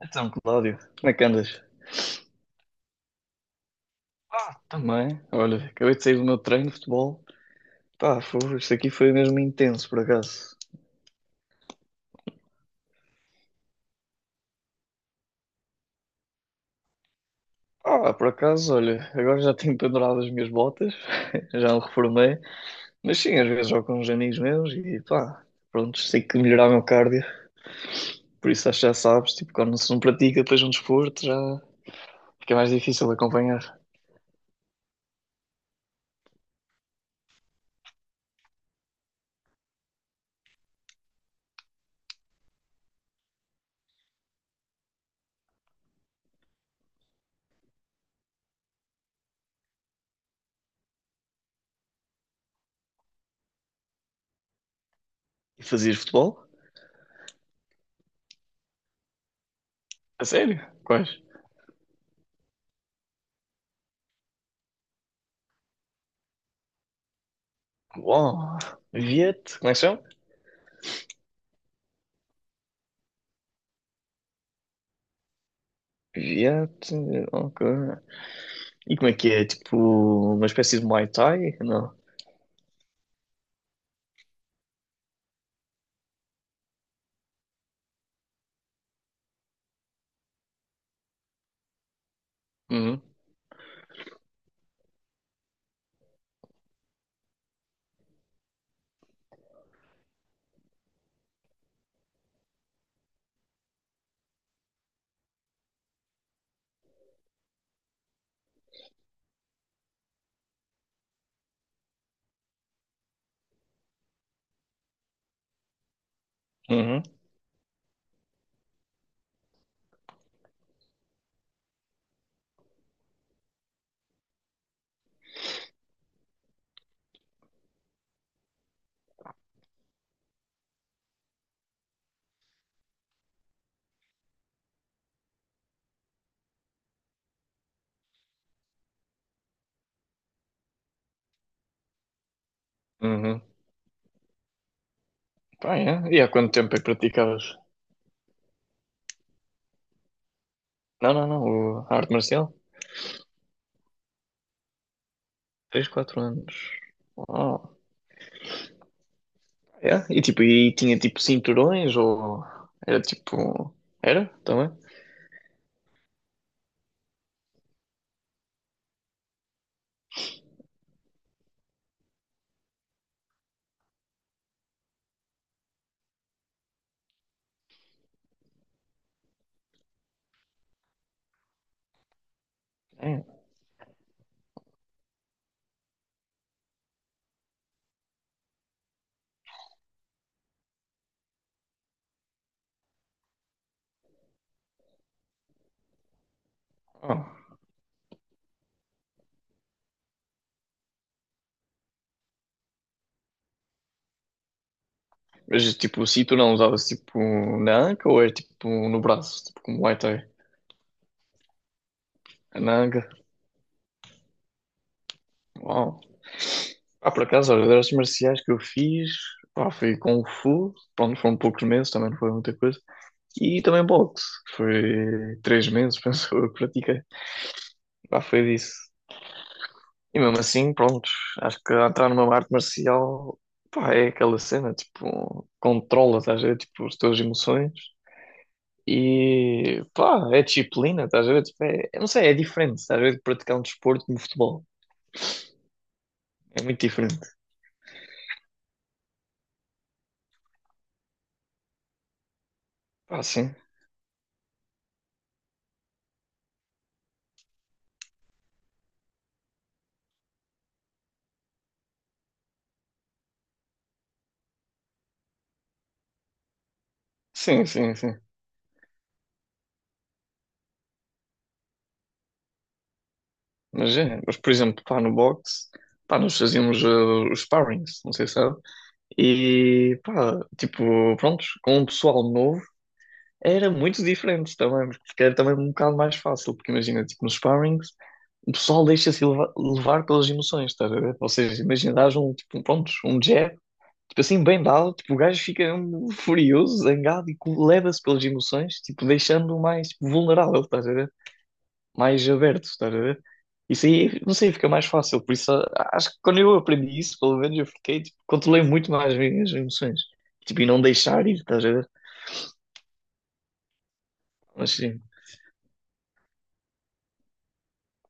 Então, Cláudio, como é que andas? Ah, também. Olha, acabei de sair do meu treino de futebol. Pá, fogo, isto aqui foi mesmo intenso, por acaso. Ah, por acaso, olha, agora já tenho pendurado as minhas botas, já me reformei. Mas sim, às vezes jogo com uns amigos meus e pá, pronto, sei que melhorar o meu cardio. Por isso acho que já sabes, tipo, quando se não pratica depois um desporto, já fica mais difícil acompanhar. E fazias futebol? A sério? Quais? Uau! Viete, como é que se chama? Viete, ok. E como é que é? Tipo, uma espécie de Muay Thai? Não. Uhum, uhum, uhum. Pá, é. E há quanto tempo é que praticavas? Não, não, não. A arte marcial? 3 4 anos. Oh, é? E tipo, e tinha tipo cinturões ou era tipo. Era também? É. Oh. Mas tipo, o cinturão usava-se tipo na anca ou era tipo no braço, tipo como Muay Thai? Na anca. Uau. Ah, por acaso, olha, das artes marciais que eu fiz, pá, foi Kung Fu. Pronto, foram poucos meses, também não foi muita coisa. E também boxe. Foi 3 meses, penso eu, que pratiquei. Pá, foi disso. E mesmo assim, pronto, acho que ao entrar numa arte marcial, pá, é aquela cena, tipo, controla, estás a ver, tipo, as tuas emoções. E, pá, é disciplina, estás a ver, tipo, é, eu não sei, é diferente, estás a ver, de praticar um desporto como futebol. É muito diferente. Pá, sim. Sim, sim, sim. Mas é, mas por exemplo, pá, no boxe, pá, nós fazíamos os sparrings, não sei se sabe. E pá, tipo, prontos, com um pessoal novo era muito diferente também, porque era também é um bocado mais fácil, porque imagina, tipo, nos sparrings, o pessoal deixa-se levar pelas emoções, estás a ver? Ou seja, imagina, dás um, tipo, um, prontos, um jab, tipo assim, bem dado, tipo, o gajo fica um, furioso, zangado e leva-se pelas emoções, tipo, deixando-o mais tipo, vulnerável, estás a ver? Mais aberto, estás a ver? Isso aí, não sei, fica mais fácil. Por isso, acho que quando eu aprendi isso, pelo menos eu fiquei, tipo, controlei muito mais as minhas emoções. Tipo, e não deixar ir, estás a ver? Mas sim,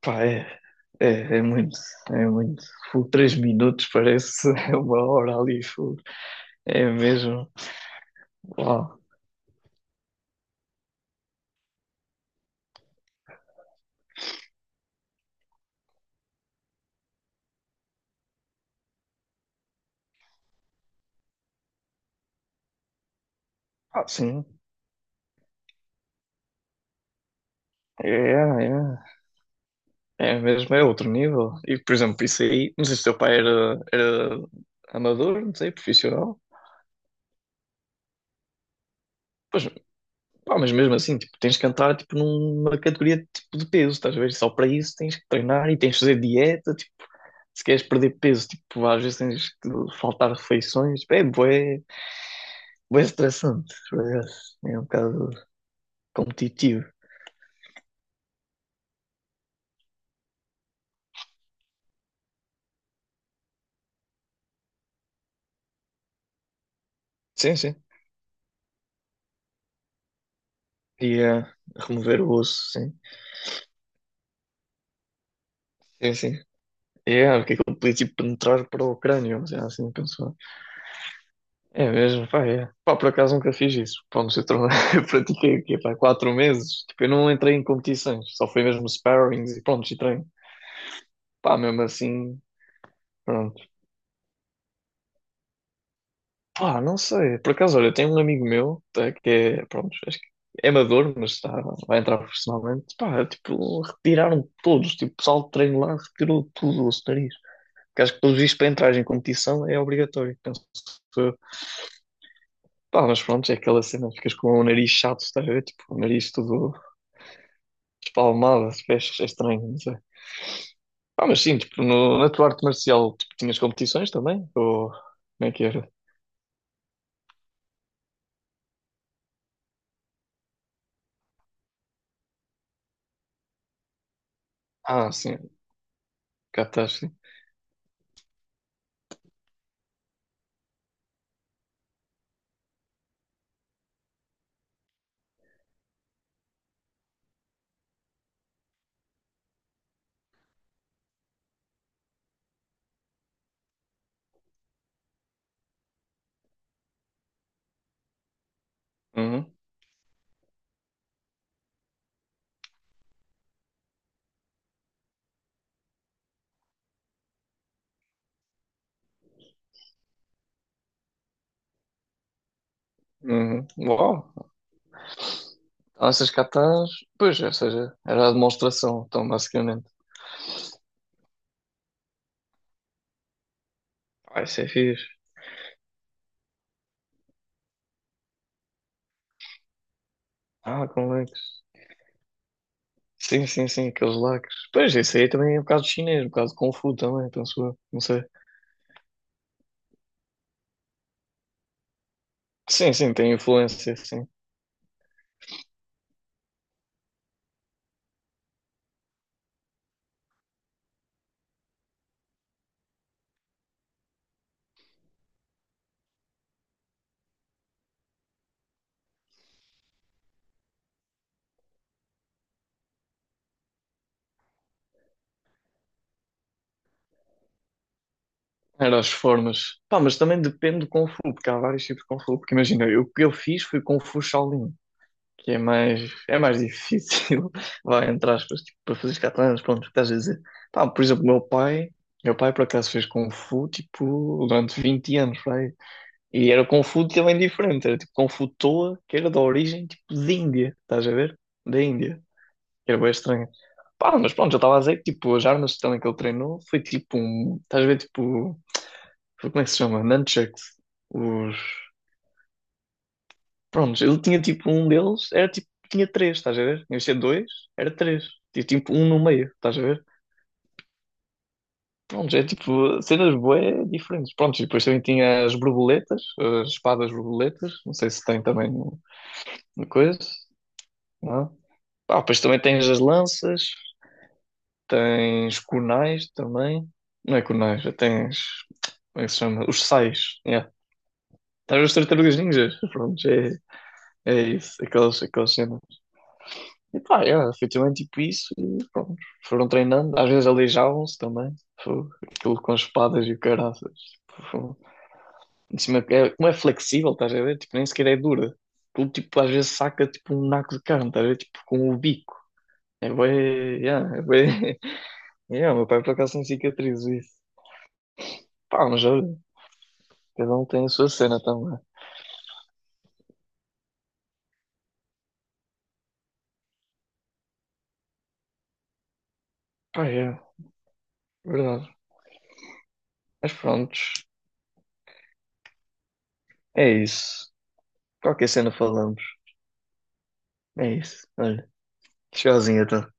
pá, é muito, é muito. Fogo, 3 minutos parece uma hora ali, fogo. É mesmo. Uau. Ah, sim. É, é, é mesmo, é outro nível. E, por exemplo, isso aí, não sei se o teu pai era amador, não sei, profissional. Pois. Pá, mas mesmo assim, tipo, tens de cantar tipo, numa categoria tipo, de peso, estás a ver? Só para isso tens que treinar e tens de fazer dieta, tipo, se queres perder peso, tipo, às vezes tens que faltar refeições, é bué, bué estressante, por acaso. É um bocado competitivo. Sim, sim. E remover o osso, sim. Sim, sim. É, porque aquilo podia tipo penetrar para o crânio, mas é assim, penso. É mesmo, pá, é. Pá, por acaso nunca fiz isso. Pá, no setor, eu pratiquei o quê? Pá, 4 meses. Tipo, eu não entrei em competições, só foi mesmo sparrings e pronto, e treino. Pá, mesmo assim, pronto. Pá, não sei. Por acaso, olha, tenho um amigo meu, tá, que é, pronto, acho que é amador, mas está, vai entrar profissionalmente. Pá, tipo, retiraram todos. Tipo, o pessoal de treino lá retirou tudo, o nariz. Porque acho que, pelos vistos, para entrar em competição é obrigatório, penso eu. Pá, mas pronto, é aquela cena, ficas com o nariz chato, estás a ver? Tipo, o nariz todo palmadas, pés, é estranho, não sei. Ah, mas sim, tipo, no, na tua arte marcial, tipo, tinhas competições também? Ou como é que era? Ah, sim, catás, sim. Uhum, uhum. Uau, então, essas catás, pois, ou seja, era a demonstração, então, basicamente. Ah, isso é fixe. Ah, com lacres. Sim, sim, sim, aqueles lacres. Pois, isso aí também é um bocado chinês, um bocado de Kung Fu também, penso eu, não sei. Sim, sim, tem influência, sim. Era as formas. Pá, mas também depende do Kung Fu, porque há vários tipos de Kung Fu. Porque imagina, o que eu fiz foi Kung Fu Shaolin. Que é mais, difícil, vai, entre aspas, tipo, para fazer catalanas, pronto, o que estás a dizer. Pá, por exemplo, meu pai por acaso fez Kung Fu, tipo, durante 20 anos, vai. E era Kung Fu também diferente, era tipo Kung Fu Toa, que era da origem, tipo, de Índia, estás a ver? Da Índia, que era bem estranho. Pá, mas pronto, já estava a dizer que, tipo, as armas também que ele treinou foi tipo um, estás a ver, tipo, como é que se chama? Nunchucks, os... Prontos, ele tinha tipo um deles, era tipo, tinha três, estás a ver? Em vez de ser dois, era três. Tinha tipo um no meio, estás a ver? Prontos, é tipo cenas bué diferentes. Prontos, e depois também tinha as borboletas, as espadas borboletas, não sei se tem também no coisa, não? Ah, depois também tens as lanças, tens kunais também. Não é kunais, já tens, como é que se chama? Os sais, yeah. Estás a ver os tartarugas ninjas? Prontos, é, isso, aquelas cenas. E pá, yeah, foi também tipo isso. E pronto, foram treinando, às vezes aleijavam-se também. Fogo, aquilo com espadas e o caraças. Tipo, fogo. Em cima, é, como é flexível, estás a ver? Tipo, nem sequer é dura. Aquilo, tipo, às vezes saca tipo um naco de carne, estás a ver? Tipo, com o bico. É bem. Yeah, é bem. Yeah, o meu pai por acaso tem cicatrizes isso. Pá, mas olha, cada um tem a sua cena também. Pá, é, verdade. Mas prontos, é isso. Qualquer cena falamos. É isso. Olha, tchauzinho então.